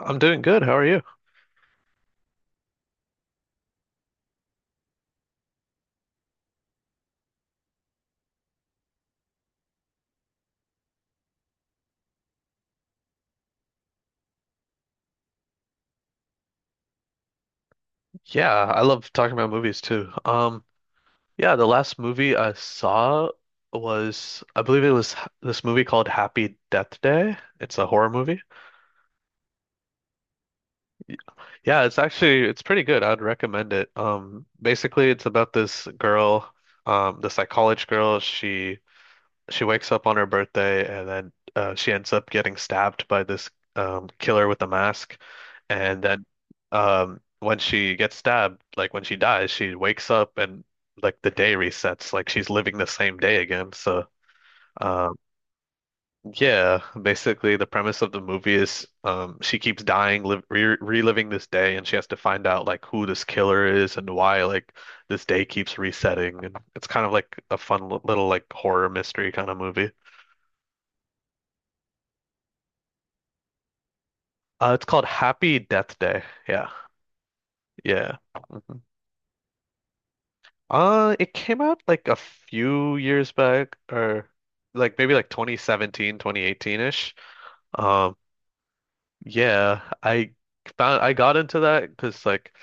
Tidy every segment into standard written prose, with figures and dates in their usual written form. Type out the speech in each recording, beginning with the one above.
I'm doing good. How are you? Yeah, I love talking about movies too. Yeah, the last movie I saw was, I believe it was this movie called Happy Death Day. It's a horror movie. Yeah, it's actually it's pretty good. I'd recommend it. Basically it's about this girl, this like college girl. She wakes up on her birthday, and then she ends up getting stabbed by this killer with a mask. And then when she gets stabbed, like when she dies, she wakes up, and like the day resets, like she's living the same day again. So um, yeah, basically the premise of the movie is, she keeps dying, live re reliving this day, and she has to find out like who this killer is and why like this day keeps resetting. And it's kind of like a fun little like horror mystery kind of movie. It's called Happy Death Day. Yeah, yeah. Mhm. It came out like a few years back, or like maybe like 2017, 2018 ish. Um, yeah, I found I got into that because like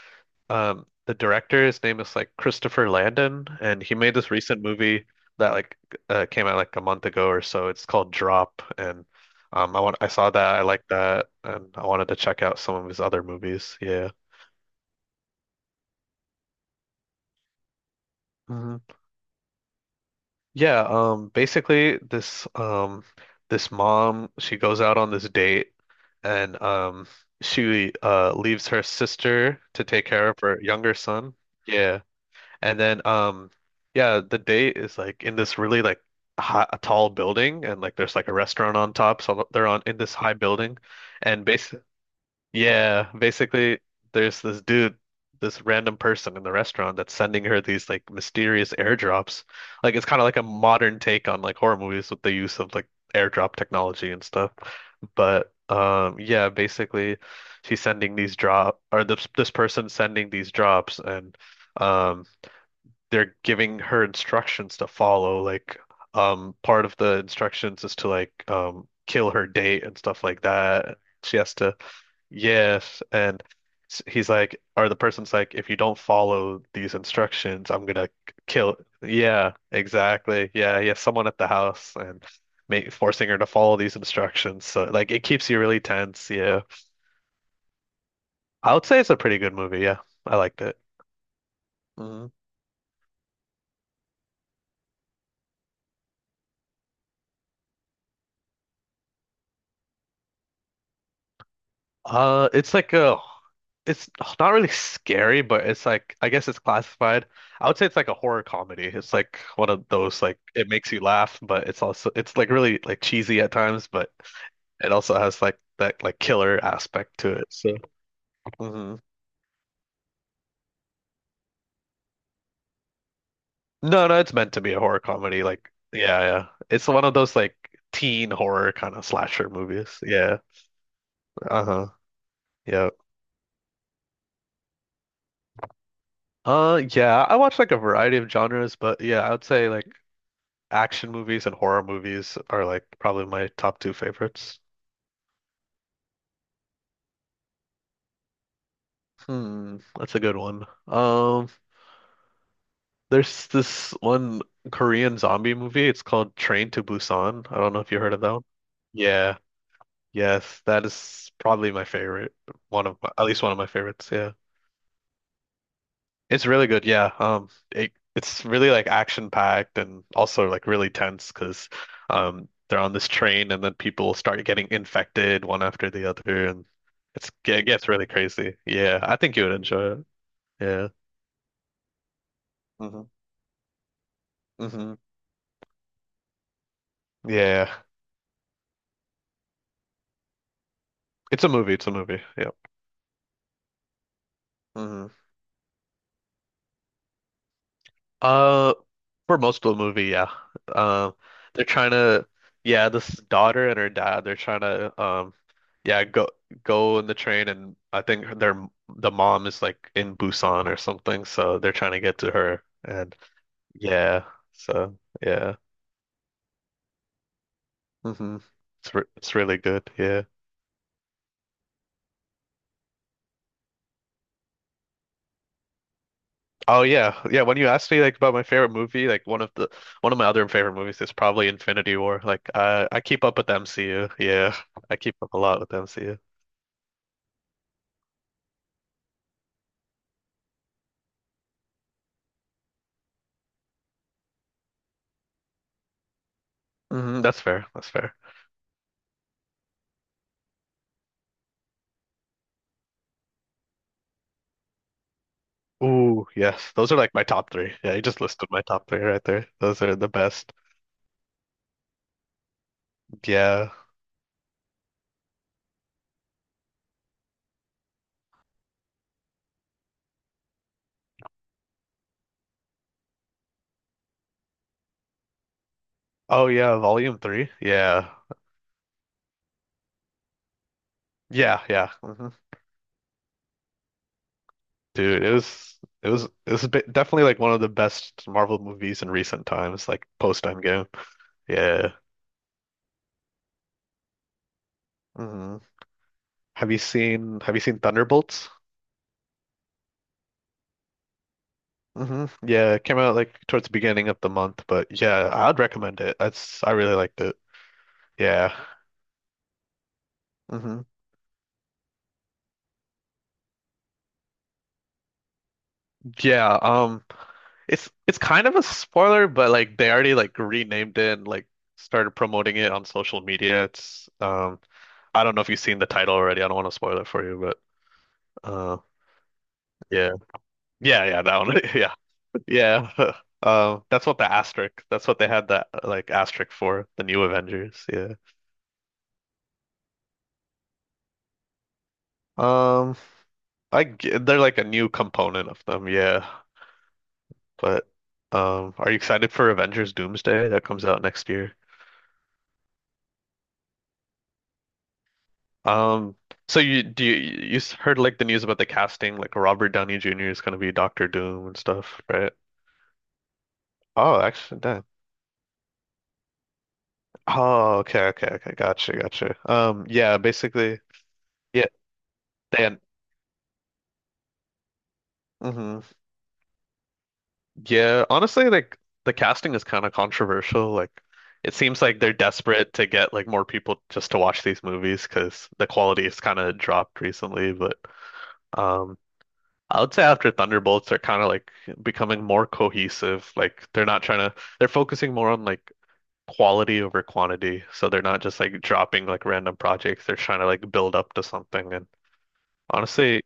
the director, his name is like Christopher Landon, and he made this recent movie that like came out like a month ago or so. It's called Drop, and I saw that, I liked that, and I wanted to check out some of his other movies. Yeah. Yeah, basically this this mom, she goes out on this date, and she leaves her sister to take care of her younger son. Yeah. And then yeah, the date is like in this really like a tall building, and like there's like a restaurant on top, so they're on in this high building, and bas yeah, basically, there's this dude, this random person in the restaurant that's sending her these like mysterious airdrops. Like it's kind of like a modern take on like horror movies with the use of like airdrop technology and stuff. But yeah, basically she's sending these drop or this person sending these drops, and um they're giving her instructions to follow. Like part of the instructions is to like kill her date and stuff like that. She has to— Yes, and he's like, or the person's like, if you don't follow these instructions, I'm gonna kill. Yeah, exactly. Yeah, he has someone at the house and forcing her to follow these instructions. So like, it keeps you really tense. Yeah, I would say it's a pretty good movie. Yeah, I liked it. Mhm. Uh, it's like a, it's not really scary, but it's like, I guess it's classified. I would say it's like a horror comedy. It's like one of those like it makes you laugh, but it's also it's like really like cheesy at times, but. It also has like that like killer aspect to it. So. Hmm. No, no, it's meant to be a horror comedy. Like yeah, yeah. It's one of those like teen horror kind of slasher movies. Yeah. Uh-huh. Yeah. Yeah, I watch like a variety of genres, but yeah, I would say like action movies and horror movies are like probably my top two favorites. Hmm, that's a good one. There's this one Korean zombie movie. It's called Train to Busan. I don't know if you heard of that one. Yeah. Yes, that is probably my favorite. One of my, at least one of my favorites. Yeah. It's really good. Yeah. It's really like action packed and also like really tense because they're on this train and then people start getting infected one after the other, and it gets really crazy. Yeah, I think you would enjoy it. Yeah. Hmm. Hmm. Yeah. It's a movie. It's a movie. Yeah. Hmm. Uh, for most of the movie, yeah. Um, they're trying to, yeah, this daughter and her dad, they're trying to, yeah, go in the train, and I think the mom is like in Busan or something, so they're trying to get to her, and yeah, so yeah. Hmm. It's really good, yeah. Oh yeah, yeah. When you asked me like about my favorite movie, like one of my other favorite movies is probably Infinity War. Like I keep up with the MCU, yeah, I keep up a lot with the MCU. Hmm, that's fair. That's fair. Ooh, yes. Those are like my top three. Yeah, you just listed my top three right there. Those are the best. Yeah. Oh yeah, volume three. Yeah. Yeah, yeah. Hmm. Dude, it was definitely like one of the best Marvel movies in recent times, like post Endgame. Yeah. Hmm. Have you seen Thunderbolts? Hmm. Yeah, it came out like towards the beginning of the month, but yeah, I'd recommend it. That's I really liked it. Yeah. Hmm. Yeah, um, it's kind of a spoiler, but like they already like renamed it and like started promoting it on social media. It's um, I don't know if you've seen the title already. I don't want to spoil it for you, but uh yeah. Yeah, yeah, that one. Yeah. Yeah. That's what the asterisk. That's what they had that like asterisk for, the new Avengers. Yeah. Um, they're like a new component of them. Yeah. But are you excited for Avengers Doomsday that comes out next year? Um, so you heard like the news about the casting, like Robert Downey Jr. is gonna be Doctor Doom and stuff, right? Oh, actually, that. Oh, okay, okay, okay. Gotcha, gotcha. Yeah, basically, yeah, then, hmm. Yeah, honestly, like the casting is kind of controversial. Like, it seems like they're desperate to get like more people just to watch these movies because the quality has kind of dropped recently. But um, I would say after Thunderbolts, they're kind of like becoming more cohesive. Like they're not trying to, they're focusing more on like quality over quantity. So they're not just like dropping like random projects. They're trying to like build up to something. And honestly,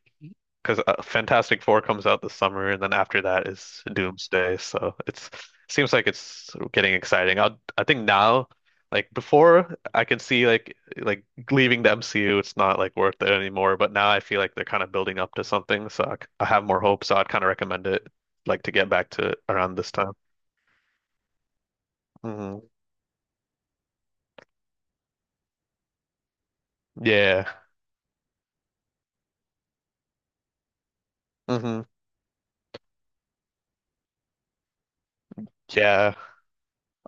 because Fantastic Four comes out this summer, and then after that is Doomsday. So it's seems like it's getting exciting. I think now, like before, I can see like leaving the MCU, it's not like worth it anymore. But now I feel like they're kind of building up to something, so I have more hope. So I'd kind of recommend it, like to get back to around this time. Hmm. Yeah. Hmm. Yeah.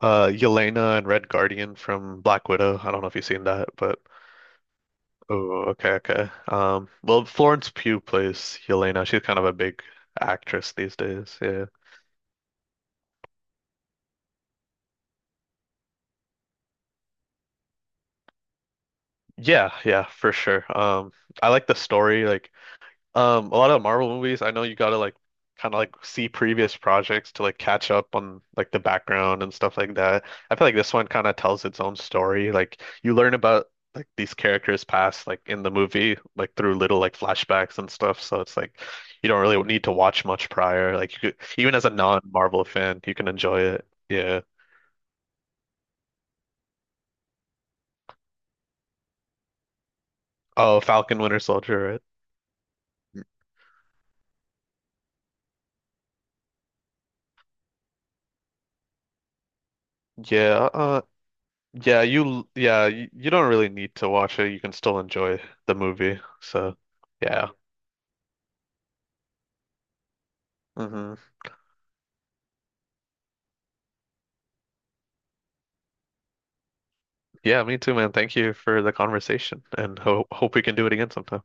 Yelena and Red Guardian from Black Widow. I don't know if you've seen that, but. Oh, okay, okay. Well, Florence Pugh plays Yelena. She's kind of a big actress these days. Yeah. Yeah, yeah, for sure. I like the story. A lot of Marvel movies, I know you gotta like kind of like see previous projects to like catch up on like the background and stuff like that. I feel like this one kind of tells its own story. Like you learn about like these characters' past like in the movie, like through little like flashbacks and stuff. So it's like you don't really need to watch much prior. Like you could, even as a non-Marvel fan, you can enjoy it. Yeah. Oh, Falcon Winter Soldier, right? Yeah. Uh, yeah, you don't really need to watch it. You can still enjoy the movie. So, yeah. Hmm. Yeah, me too, man. Thank you for the conversation, and ho hope we can do it again sometime.